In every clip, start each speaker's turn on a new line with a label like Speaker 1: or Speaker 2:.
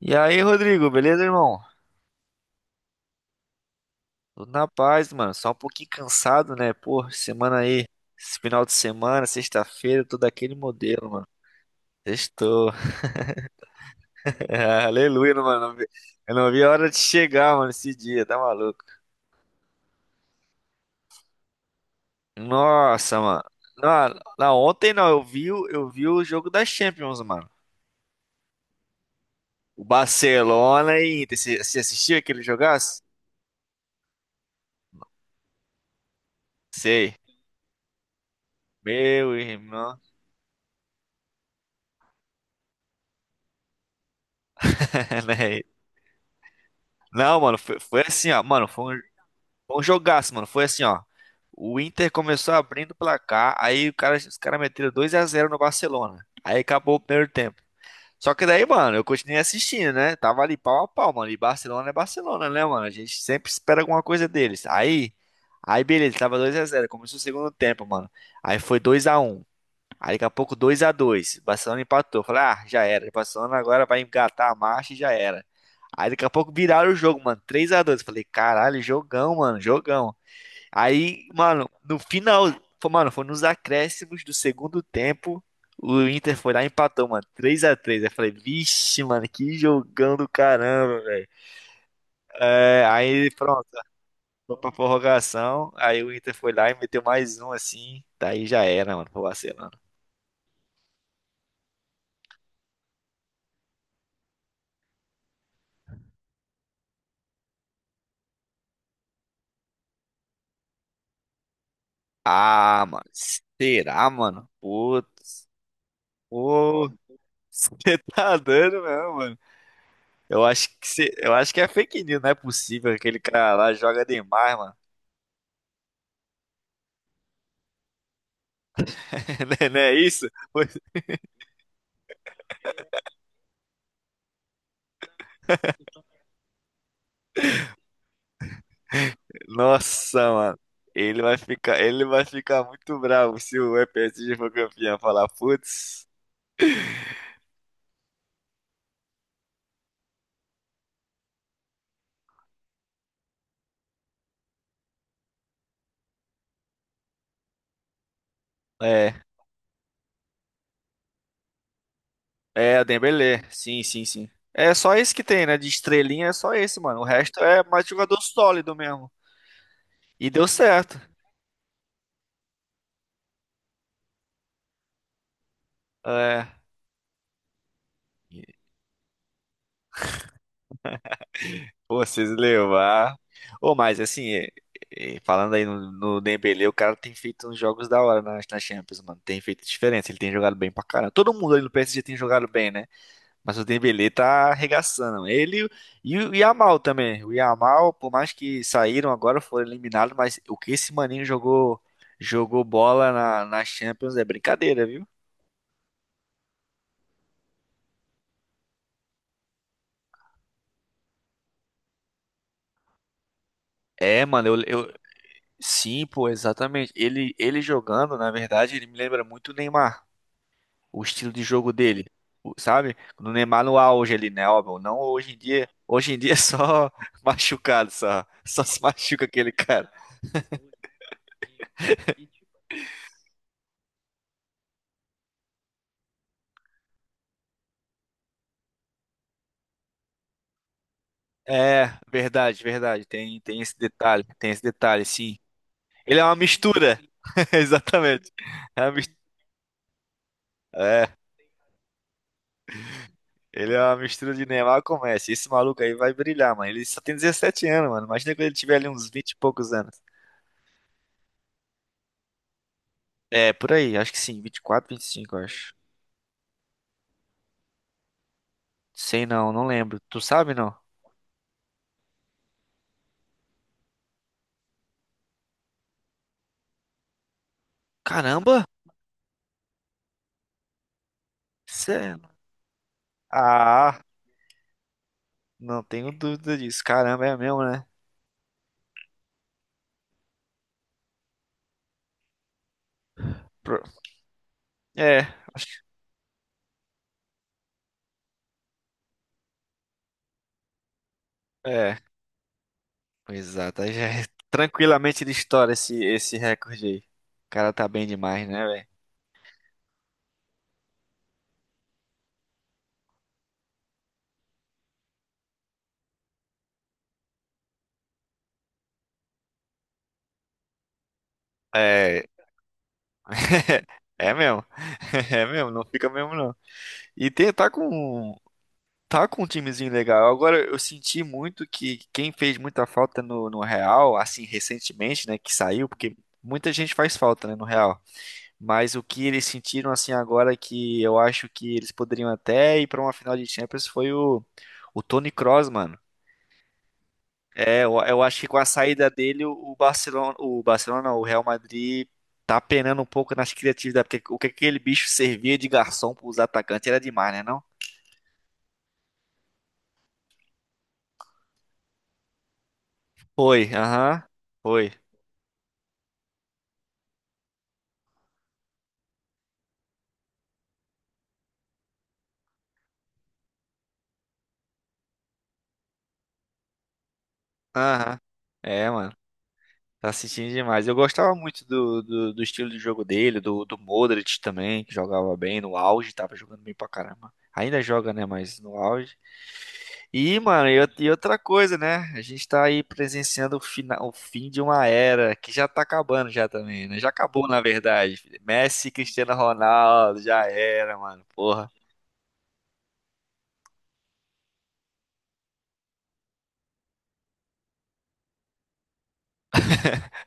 Speaker 1: E aí, Rodrigo, beleza, irmão? Tudo na paz, mano. Só um pouquinho cansado, né? Pô, semana aí, esse final de semana, sexta-feira, tô daquele modelo, mano. Sextou. Aleluia, mano. Eu não vi a hora de chegar, mano, esse dia, tá maluco? Nossa, mano. Não, não, ontem não, eu vi, eu vi o jogo das Champions, mano. O Barcelona e Inter. Você assistiu aquele jogaço? Sei. Meu irmão. Né? Não, mano, foi assim, ó. Mano, Foi um jogaço, mano. Foi assim, ó. O Inter começou abrindo o placar, aí o cara, os caras meteram 2 a 0 no Barcelona. Aí acabou o primeiro tempo. Só que daí, mano, eu continuei assistindo, né? Tava ali pau a pau, mano. E Barcelona é Barcelona, né, mano? A gente sempre espera alguma coisa deles. Aí, beleza, tava 2 a 0. Começou o segundo tempo, mano. Aí foi 2 a 1. Aí daqui a pouco 2 a 2. Barcelona empatou. Falei, ah, já era. Barcelona agora vai engatar a marcha e já era. Aí daqui a pouco viraram o jogo, mano. 3 a 2. Falei, caralho, jogão, mano, jogão. Aí, mano, no final, mano, foi nos acréscimos do segundo tempo, o Inter foi lá e empatou, mano, 3 a 3. Aí eu falei, vixe, mano, que jogão do caramba, velho. É, aí, pronto, foi pra prorrogação, aí o Inter foi lá e meteu mais um, assim, daí já era, mano, pro Barcelona. Ah, mano, será, mano? Putz, pô, você tá dando mesmo, mano. Eu acho que é fake news, não é possível. Aquele cara lá joga demais, mano. Não é isso? Nossa, mano. Ele vai ficar muito bravo se o PSG for campeão. Falar, putz. É, é, Dembélé. Sim, sim, sim. É só esse que tem, né? De estrelinha é só esse, mano. O resto é mais jogador sólido mesmo. E deu certo. É. Pô, vocês levar. Ô, mas assim, é, falando aí no, Dembélé, o cara tem feito uns jogos da hora na Champions, mano. Tem feito diferença. Ele tem jogado bem pra caramba. Todo mundo aí no PSG tem jogado bem, né? Mas o Dembélé tá arregaçando. Ele e o Yamal também. O Yamal, por mais que saíram agora, foram eliminados, mas o que esse maninho jogou na Champions é brincadeira, viu? É, mano, sim, pô, exatamente. Ele jogando, na verdade, ele me lembra muito o Neymar, o estilo de jogo dele. Sabe? No Neymar no auge ali, né, óbvio, não hoje em dia. Hoje em dia é só machucado, só se machuca aquele cara. É, verdade, verdade. Tem esse detalhe, tem esse detalhe, sim. Ele é uma mistura. Exatamente. É, uma mis- é, ele é uma mistura de Neymar com Messi. Esse maluco aí vai brilhar, mano. Ele só tem 17 anos, mano. Imagina quando ele tiver ali uns 20 e poucos anos. É, por aí, acho que sim, 24, 25, eu acho. Sei não, não lembro. Tu sabe não? Caramba! Sério? Ah, não tenho dúvida disso. Caramba, é mesmo, né? Pro- É, acho. É. Exato. Aí já é tranquilamente ele estoura esse recorde aí. O cara tá bem demais, né, velho? É, é mesmo. É mesmo, não fica mesmo não. E tem, tá com, tá com um timezinho legal. Agora eu senti muito que quem fez muita falta no Real, assim, recentemente, né, que saiu, porque muita gente faz falta, né, no Real. Mas o que eles sentiram assim agora que eu acho que eles poderiam até ir pra uma final de Champions foi o Toni Kroos, mano. É, eu acho que com a saída dele, o Barcelona, não, o Real Madrid tá penando um pouco nas criatividades, porque o que aquele bicho servia de garçom pros atacantes era demais, né, não? Foi, aham, foi, aham. É, mano, tá sentindo demais. Eu gostava muito do estilo de jogo dele, do Modric também, que jogava bem no auge, tava jogando bem pra caramba. Ainda joga, né, mas no auge. E, mano, e outra coisa, né? A gente tá aí presenciando o final, o fim de uma era que já tá acabando já também, né? Já acabou, na verdade. Messi, Cristiano Ronaldo, já era, mano. Porra.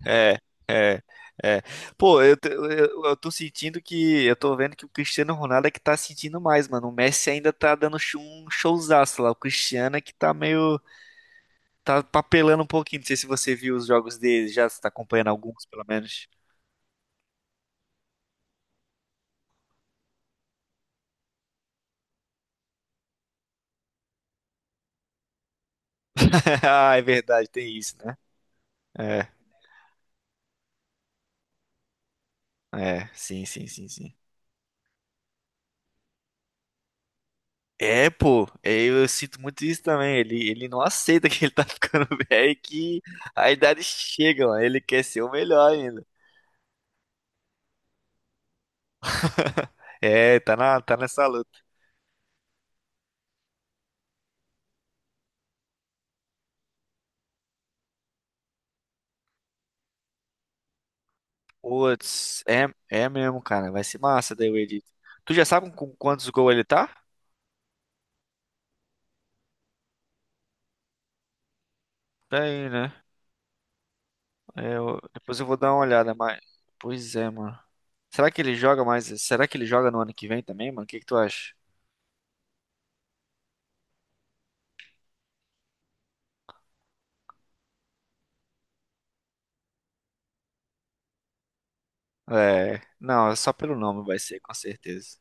Speaker 1: É, é, é. Pô, eu tô sentindo que. Eu tô vendo que o Cristiano Ronaldo é que tá sentindo mais, mano. O Messi ainda tá dando um showzaço lá. O Cristiano é que tá meio. Tá papelando um pouquinho. Não sei se você viu os jogos dele já, se tá acompanhando alguns, pelo menos. Ah, é verdade, tem isso, né? É. É, sim, sim, sim, sim. É, pô, é, eu sinto muito isso também. Ele não aceita que ele tá ficando velho e que a idade chega, mano. Ele quer ser o melhor ainda. É, tá nessa luta. Putz, é, é mesmo, cara. Vai ser massa daí o Edito. Tu já sabe com quantos gols ele tá? Peraí, né? É, depois eu vou dar uma olhada, mas. Pois é, mano. Será que ele joga mais? Será que ele joga no ano que vem também, mano? O que que tu acha? É, não, é só pelo nome vai ser, com certeza.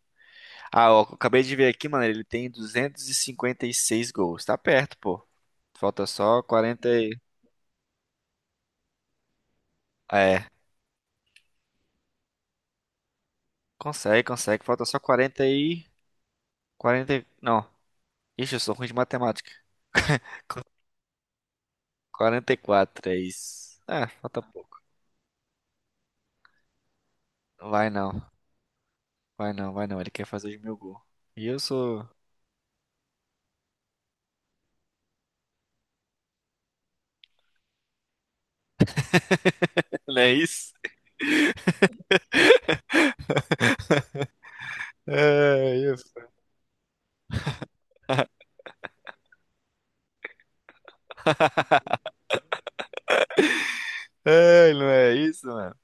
Speaker 1: Ah, ó, acabei de ver aqui, mano, ele tem duzentos e cinquenta e seis gols. Tá perto, pô. Falta só quarenta e— É, consegue, consegue. Falta só 40 e— 40. E— não. Ixi, eu sou ruim de matemática. Qu- 44, é isso. É, falta pouco. Vai não, vai não, vai não. Ele quer fazer os mil gols. E eu sou— Não é isso? É, eu— é, não é isso, mano.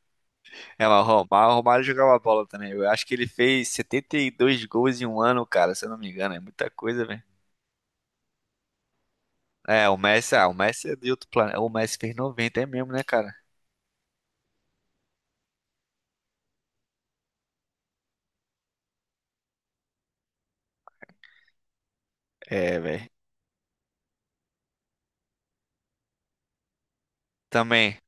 Speaker 1: É, mas o Romário, jogava bola também. Eu acho que ele fez 72 gols em um ano, cara, se eu não me engano. É muita coisa, velho. É, o Messi, ah, o Messi é de outro planeta. O Messi fez 90, é mesmo, né, cara? É, velho. Também,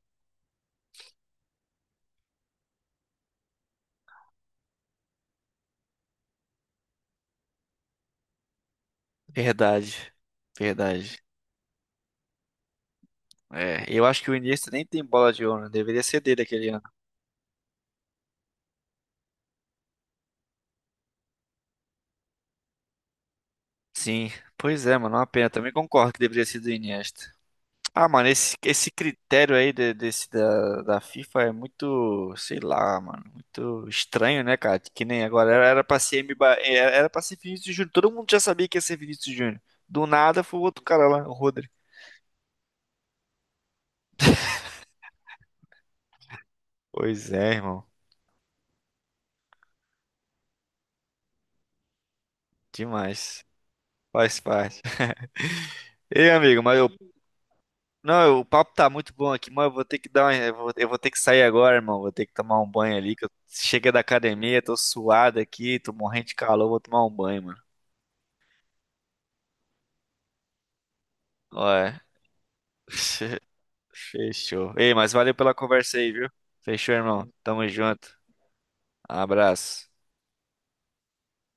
Speaker 1: verdade. Verdade. É, eu acho que o Iniesta nem tem bola de ouro, né? Deveria ser dele aquele ano. Sim, pois é, mano, é uma pena. Também concordo que deveria ser do Iniesta. Ah, mano, esse critério aí desse da FIFA é muito, sei lá, mano, muito estranho, né, cara? Que nem agora era, era pra ser Mba, era, era pra ser Vinícius Júnior. Todo mundo já sabia que ia ser Vinícius Júnior. Do nada foi o outro cara lá, o Rodri. Pois é, irmão. Demais. Faz parte. Ei, amigo, mas eu. Não, o papo tá muito bom aqui, mas eu vou ter que dar uma— eu vou ter que sair agora, irmão. Vou ter que tomar um banho ali, que eu cheguei da academia, tô suado aqui, tô morrendo de calor, vou tomar um banho, mano. Ué. Fechou. Ei, mas valeu pela conversa aí, viu? Fechou, irmão. Tamo junto. Abraço.